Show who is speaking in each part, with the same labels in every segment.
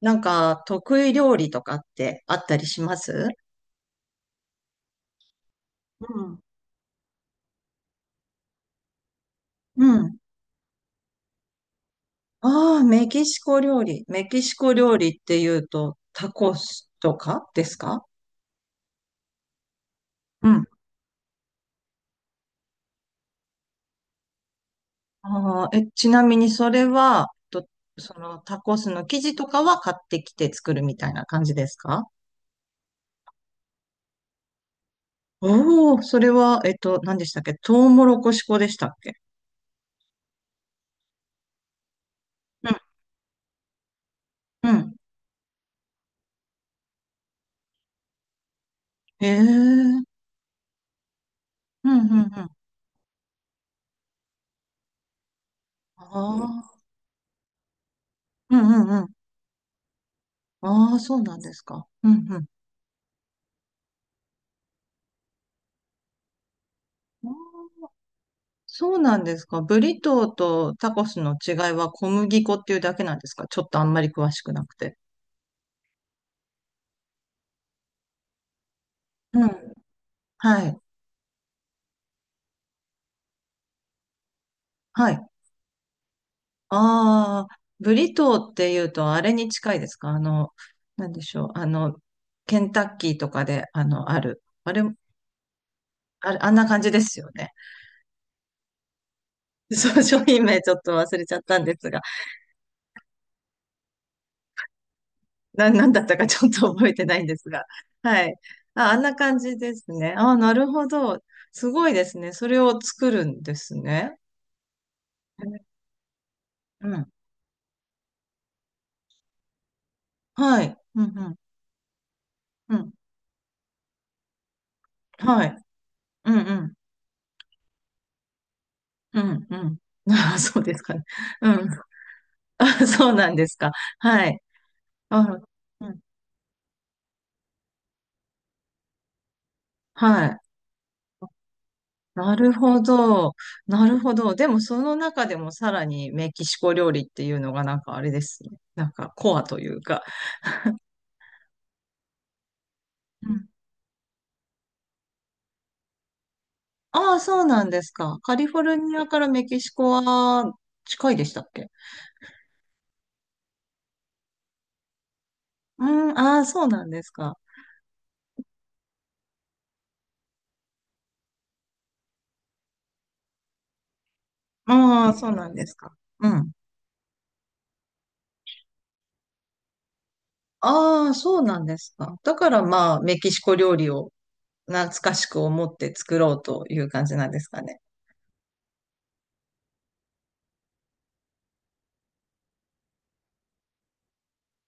Speaker 1: なんか、得意料理とかってあったりします？うん。うん。ああ、メキシコ料理。メキシコ料理っていうと、タコスとかですか？うん。ああ、え、ちなみにそれは、と、そのタコスの生地とかは買ってきて作るみたいな感じですか？おおー、それは、何でしたっけ、トウモロコシ粉でしたっけ？うん、うん。へえ、うんうんうん。ああ、うんうんうん。ああ、そうなんですか。うんうん。そうなんですか。ブリトーとタコスの違いは小麦粉っていうだけなんですか？ちょっとあんまり詳しくなくて。うん。はい。はい。ああ、ブリトーっていうとあれに近いですか？あの、なんでしょう。あの、ケンタッキーとかで、あの、ある。あれ、あれ、あんな感じですよね。そう、商品名ちょっと忘れちゃったんですが、なんだったか ちょっと覚えてないんですが。はい。あ、あんな感じですね。ああ、なるほど。すごいですね。それを作るんですね。うん。はい。うんうん。うん。はい。うんうん。うんうん。ああ、そうですかね。うん。あ、そうなんですか。はい。あ、うん。はい。なるほど。なるほど。でも、その中でもさらにメキシコ料理っていうのがなんかあれですね。なんかコアというか。うん。ああ、そうなんですか。カリフォルニアからメキシコは近いでしたっけ？うん。ああ、そうなんですか。ああ、そうなんですか。うん。ああ、そうなんですか。だからまあ、メキシコ料理を懐かしく思って作ろうという感じなんですかね。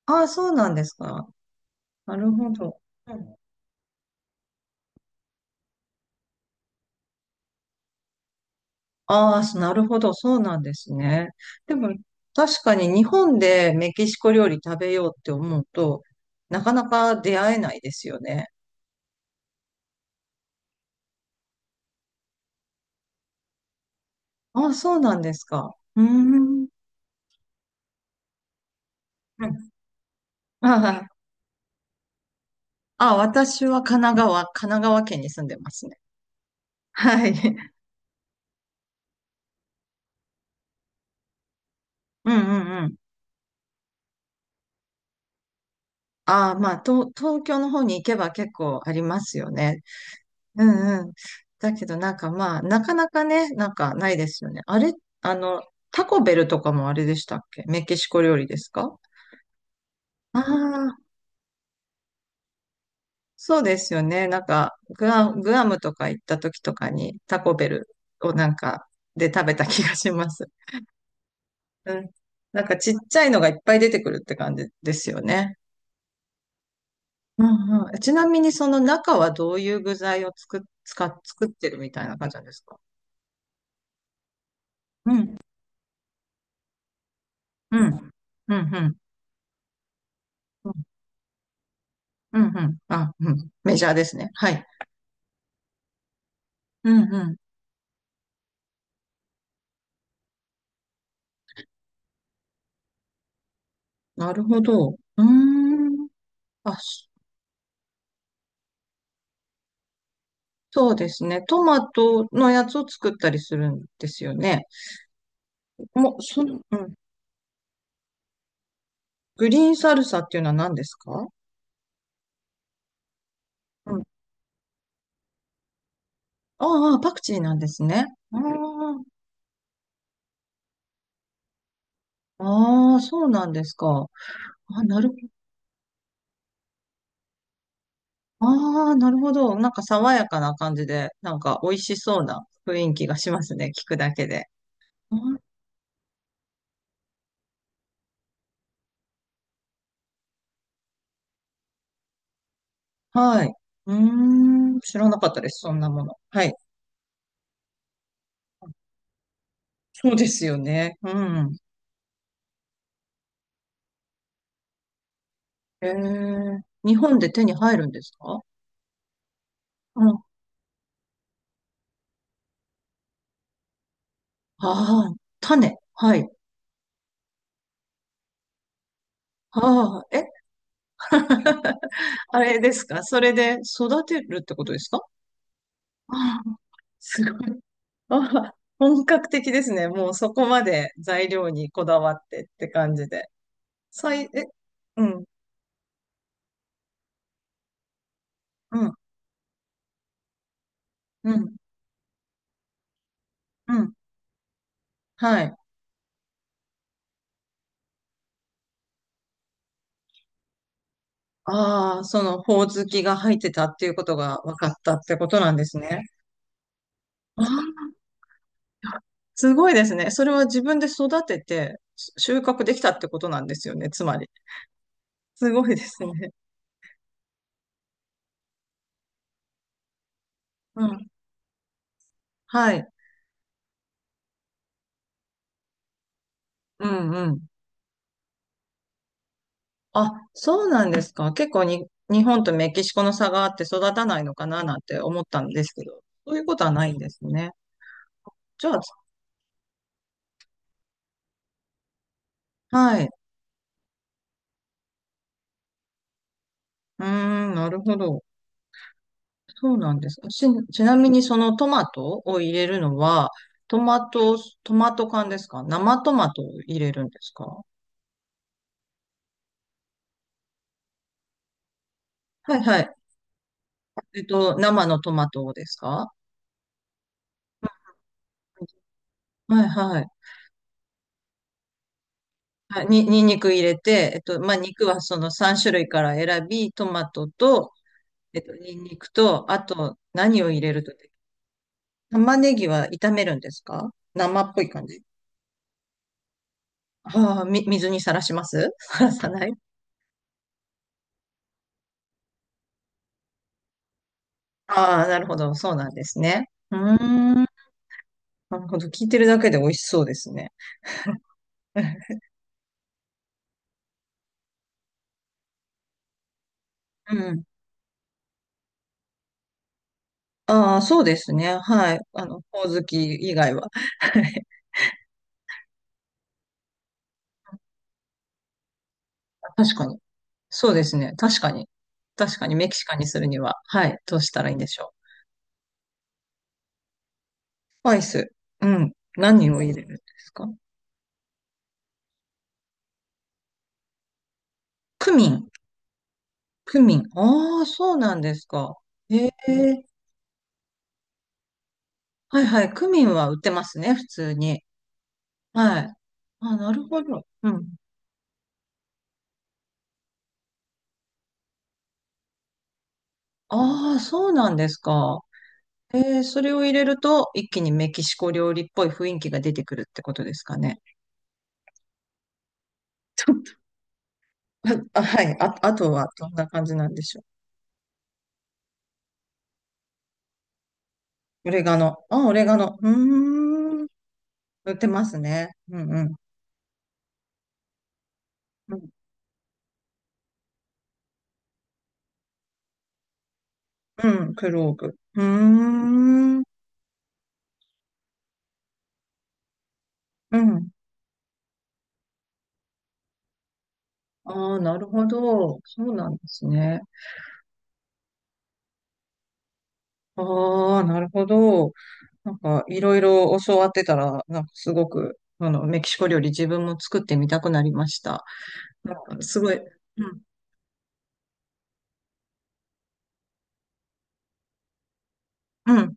Speaker 1: ああ、そうなんですか。なるほど。ああ、そ、なるほど。そうなんですね。でも、確かに日本でメキシコ料理食べようって思うと、なかなか出会えないですよね。ああ、そうなんですか。うーん。うん。ああ、私は神奈川県に住んでますね。はい。うんうんうん。ああ、まあ、東京の方に行けば結構ありますよね。うんうん。だけどなんかまあ、なかなかね、なんかないですよね。あれ、あの、タコベルとかもあれでしたっけ、メキシコ料理ですか？ああ、そうですよね。なんか、グアムとか行った時とかにタコベルをなんかで食べた気がします。うん。なんかちっちゃいのがいっぱい出てくるって感じですよね。うんうん、ちなみにその中はどういう具材をつく、使っ、作ってるみたいな感じなんですか？うん、うん、うん、うん、うん、うん、うんあ、うん、メジャーですね。はい。うん、うん。なるほど。うーん。あ、そそうですね。トマトのやつを作ったりするんですよね。もう、その、うん。グリーンサルサっていうのは何ですか？うん。ああ、パクチーなんですね。ああ、ああ、そうなんですか。あ、なる、ああ、なるほど。なんか爽やかな感じで、なんか美味しそうな雰囲気がしますね。聞くだけで。あ、はい。うーん。知らなかったです。そんなもの。はい。そうですよね。うん。ええ。日本で手に入るんですか？うん。ああ、種。はい。ああ、え、あれですか、それで育てるってことですか？ああ、すごい。ああ、本格的ですね。もうそこまで材料にこだわってって感じで。さい、え、うん。うん、うん、うん。はい。ああ、その、ほおずきが入ってたっていうことが分かったってことなんですね。ああ、すごいですね。それは自分で育てて収穫できたってことなんですよね、つまり。すごいですね。うん。はい。うん、うん。あ、そうなんですか。結構に、日本とメキシコの差があって育たないのかななんて思ったんですけど、そういうことはないんですね。じゃあ、はい。うーん、なるほど。そうなんです。ち、ちなみにそのトマトを入れるのは、トマト、トマト缶ですか、生トマトを入れるんですか？はいはい。えっと、生のトマトをですか？はいはい。はい、にんにく入れて、えっと、まあ、肉はその3種類から選び、トマトと、えっと、にんにくと、あと、何を入れると、玉ねぎは炒めるんですか、生っぽい感じ。ああ、水にさらします さらさない。ああ、なるほど。そうなんですね。うーん。なるほど。聞いてるだけで美味しそうですね。うん。ああ、そうですね。はい。あの、ほおずき以外は。はい。確かに。そうですね。確かに。確かに、メキシカンにするには、はい。どうしたらいいんでしょう。スパイス。うん。何を入れるんですか？クミン。クミン。ああ、そうなんですか。へえ。はいはい。クミンは売ってますね。普通に。はい。あ、なるほど。うん。ああ、そうなんですか。えー、それを入れると、一気にメキシコ料理っぽい雰囲気が出てくるってことですかね。ちょっと、あ、あ、はい。あとはどんな感じなんでしょう。オレガノ。あ、オレガノ。うーん。売ってますね。うんうん。うん、うん、クローブ。うーん。うん。ああ、なるほど。そうなんですね。ああ、なるほど。なんか、いろいろ教わってたら、なんかすごく、あの、メキシコ料理自分も作ってみたくなりました。なんか、すごい。うん。うん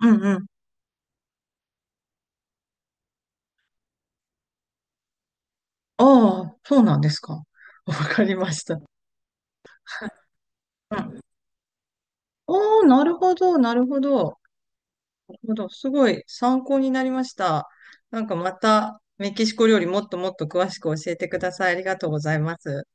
Speaker 1: うんうん。ああ、そうなんですか。わかりました。うん。ああ、なるほど、なるほど。なるほど。すごい参考になりました。なんかまたメキシコ料理もっともっと詳しく教えてください。ありがとうございます。